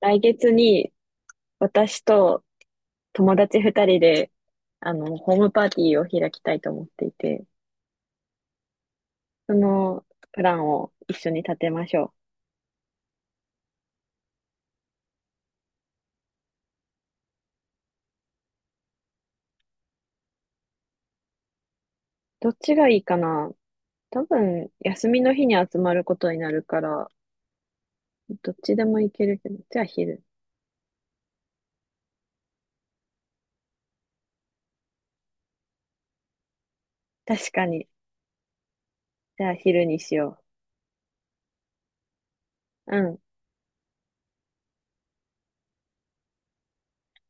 来月に私と友達二人で、ホームパーティーを開きたいと思っていて、そのプランを一緒に立てましょう。どっちがいいかな。多分、休みの日に集まることになるから、どっちでもいけるけど、じゃあ昼。確かに。じゃあ昼にしよう。うん。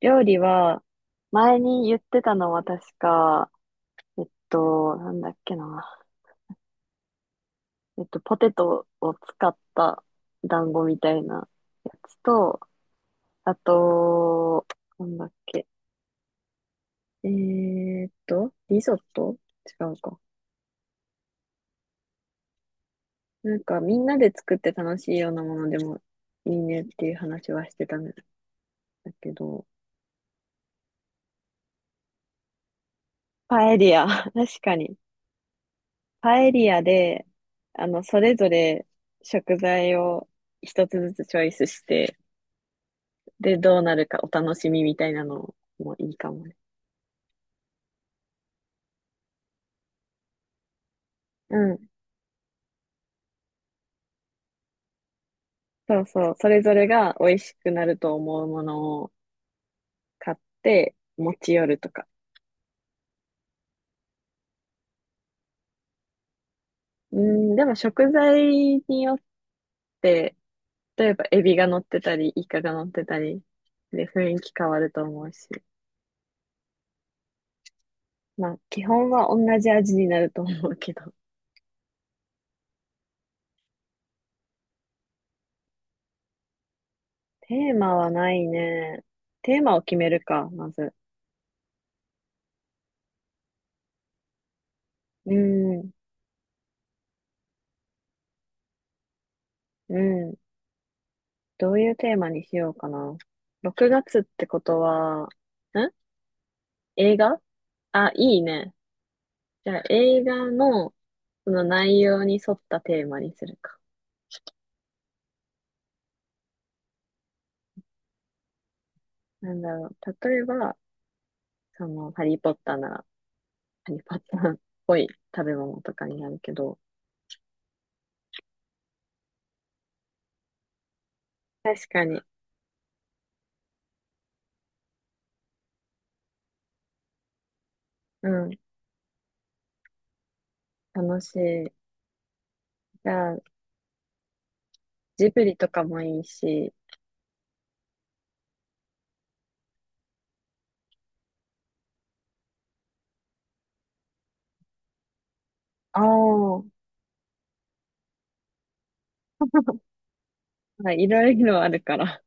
料理は、前に言ってたのは確か、なんだっけな。ポテトを使った団子みたいなやつと、あと、なんだっけ。リゾット、違うか。なんかみんなで作って楽しいようなものでもいいねっていう話はしてたんだけど、パエリア。確かに。パエリアで、それぞれ食材を一つずつチョイスして、で、どうなるかお楽しみみたいなのもいいかもね。うん。そうそう、それぞれが美味しくなると思うものを買って持ち寄るとか。うん、でも食材によって、例えばエビが乗ってたり、イカが乗ってたり、で、雰囲気変わると思うし。まあ、基本は同じ味になると思うけど。テーマはないね。テーマを決めるか、まず。うん、うん。どういうテーマにしようかな。6月ってことは、映画。あ、いいね。じゃあ、映画の、その内容に沿ったテーマにするか。なんだろう。例えば、ハリーポッターなら、ハリーポッターっぽい食べ物とかになるけど、確かに、うん、楽しい。じゃあ、ジブリとかもいいし、ああ、まあいろいろあるから、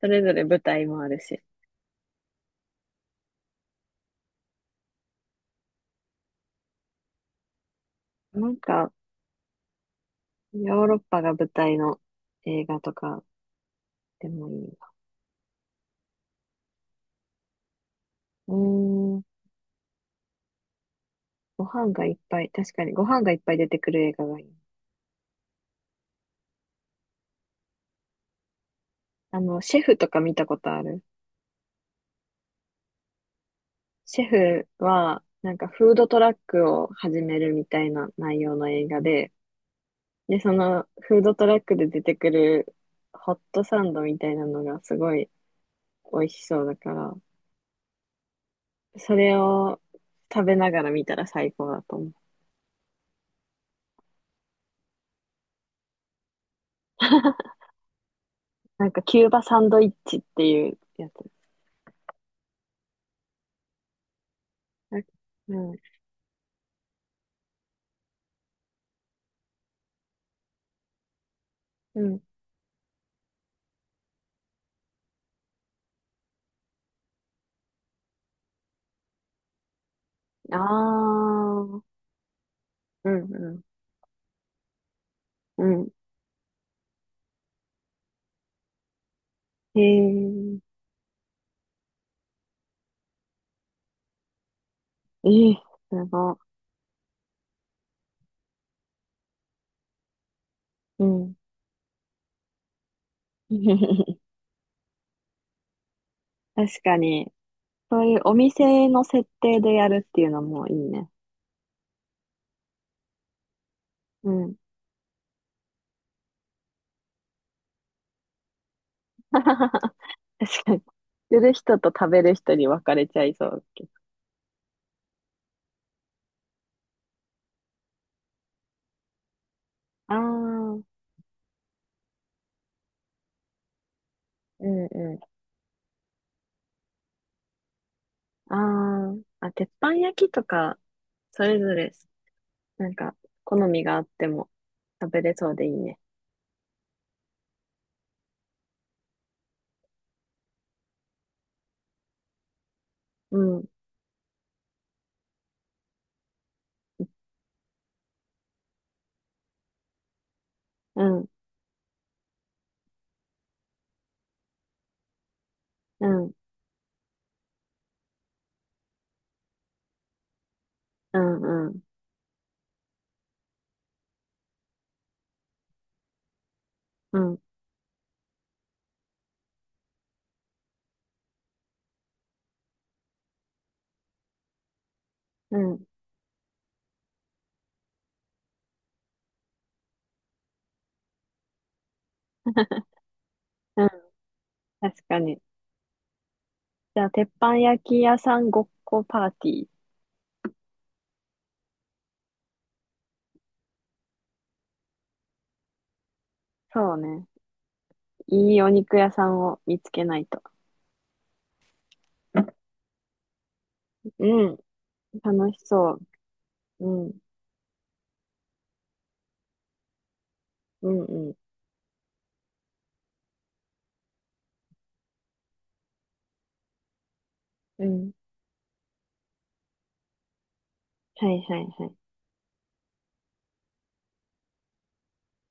それぞれ舞台もあるし。なんか、ヨーロッパが舞台の映画とかでもいいな。うーん、ご飯がいっぱい、確かにご飯がいっぱい出てくる映画がいい。シェフとか見たことある？シェフは、なんかフードトラックを始めるみたいな内容の映画で、そのフードトラックで出てくるホットサンドみたいなのがすごい美味しそうだから、それを食べながら見たら最高だと思う。なんかキューバサンドイッチっていうやつ。あ、うん、うん。ああ、うん、うん、うん。へえ、ええ、すごい。うん。確かに。そういうお店の設定でやるっていうのもいいね。うん。確かに。売る人と食べる人に分かれちゃいそうけど。ああ、うんうん。ああ、あ、鉄板焼きとか、それぞれ、なんか、好みがあっても食べれそうでいいね。うん、うん、うん、うん、うん、うん、うん、うん、確かに。じゃあ、鉄板焼き屋さんごっこパーティー。そうね。いいお肉屋さんを見つけないと。うん。楽しそう。うん。うん、うん、うん。はい、はい、はい。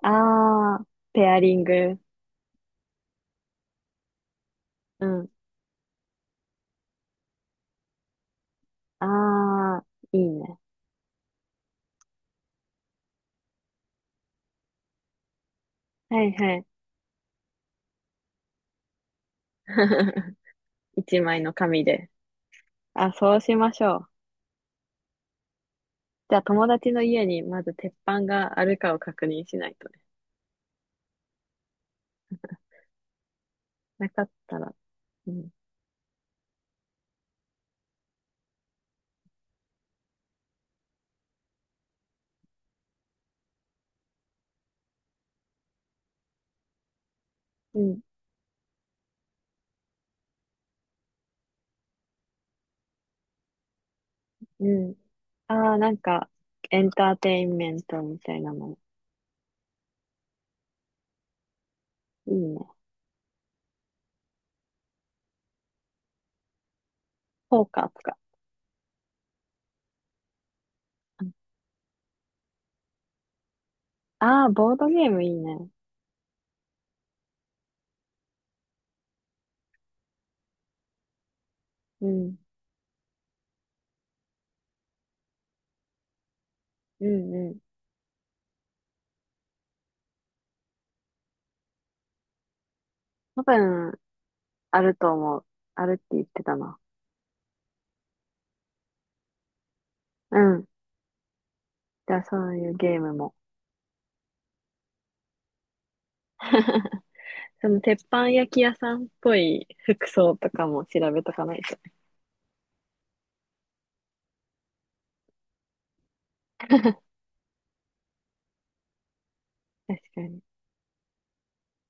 ああ、ペアリング。うん。ああ、いいね。はい、はい。一枚の紙で。あ、そうしましょう。じゃあ、友達の家にまず鉄板があるかを確認しないとね。なかったら。うん。うん、うん。ああ、なんか、エンターテインメントみたいなの。いいね。ポーカーとか。ああー、ボードゲームいいね。うん。うん、うん。多分、あると思う。あるって言ってたな。うん。じゃあそういうゲームも。その鉄板焼き屋さんっぽい服装とかも調べとかないと。確かに。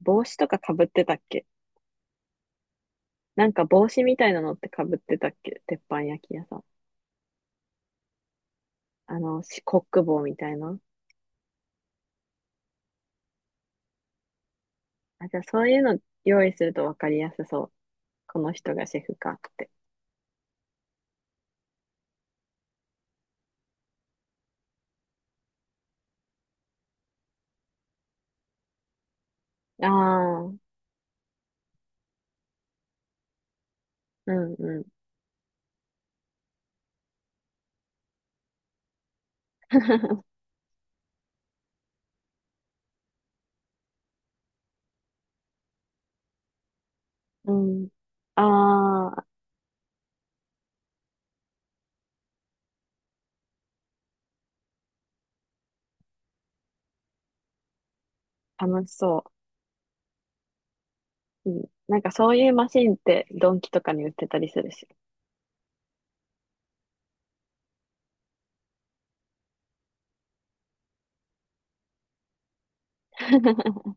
帽子とか被ってたっけ？なんか帽子みたいなのって被ってたっけ鉄板焼き屋さん？コック帽みたいな。あ、じゃあそういうの用意すると分かりやすそう。この人がシェフかって。ああ、うんうん。うん。ああ、楽しそう。うん。なんかそういうマシンってドンキとかに売ってたりするし。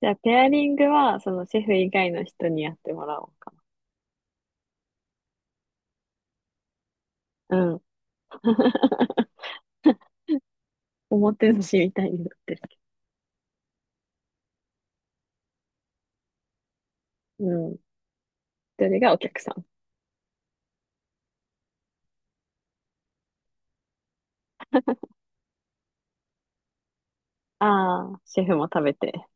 じゃあ、ペアリングは、そのシェフ以外の人にやってもらおうかな。うん。おもてなしみたいになってるけど。うん。それがお客さん。ああ、シェフも食べて。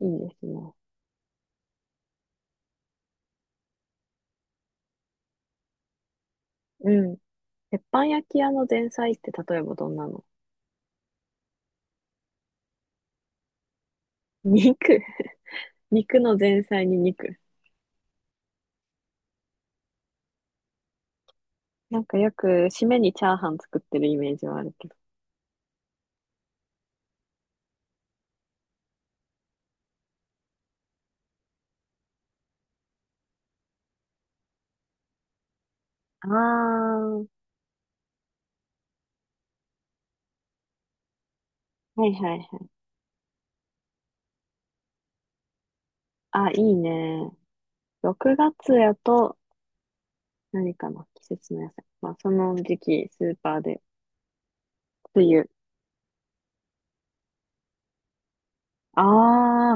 いいですね。うん。鉄板焼き屋の前菜って例えばどんなの？肉。肉の前菜に肉。なんかよく、締めにチャーハン作ってるイメージはあるけど。ああ、はいはいはい。あ、いいね。6月やと、何かの季節の野菜。まあ、その時期、スーパーで、冬。あ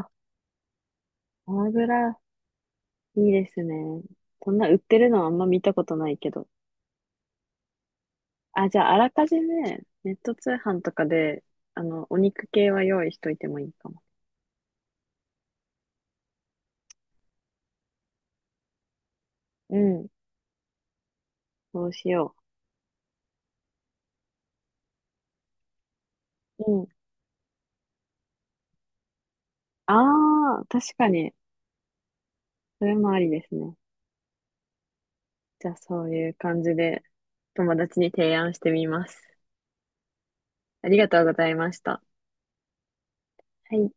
あ、フグラ、いいですね。そんな売ってるのはあんま見たことないけど。あ、じゃあ、あらかじめ、ネット通販とかで、お肉系は用意しといてもいいかも。うん、そうしよう。うん。ああ、確かに、それもありですね。じゃあ、そういう感じで、友達に提案してみます。ありがとうございました。はい。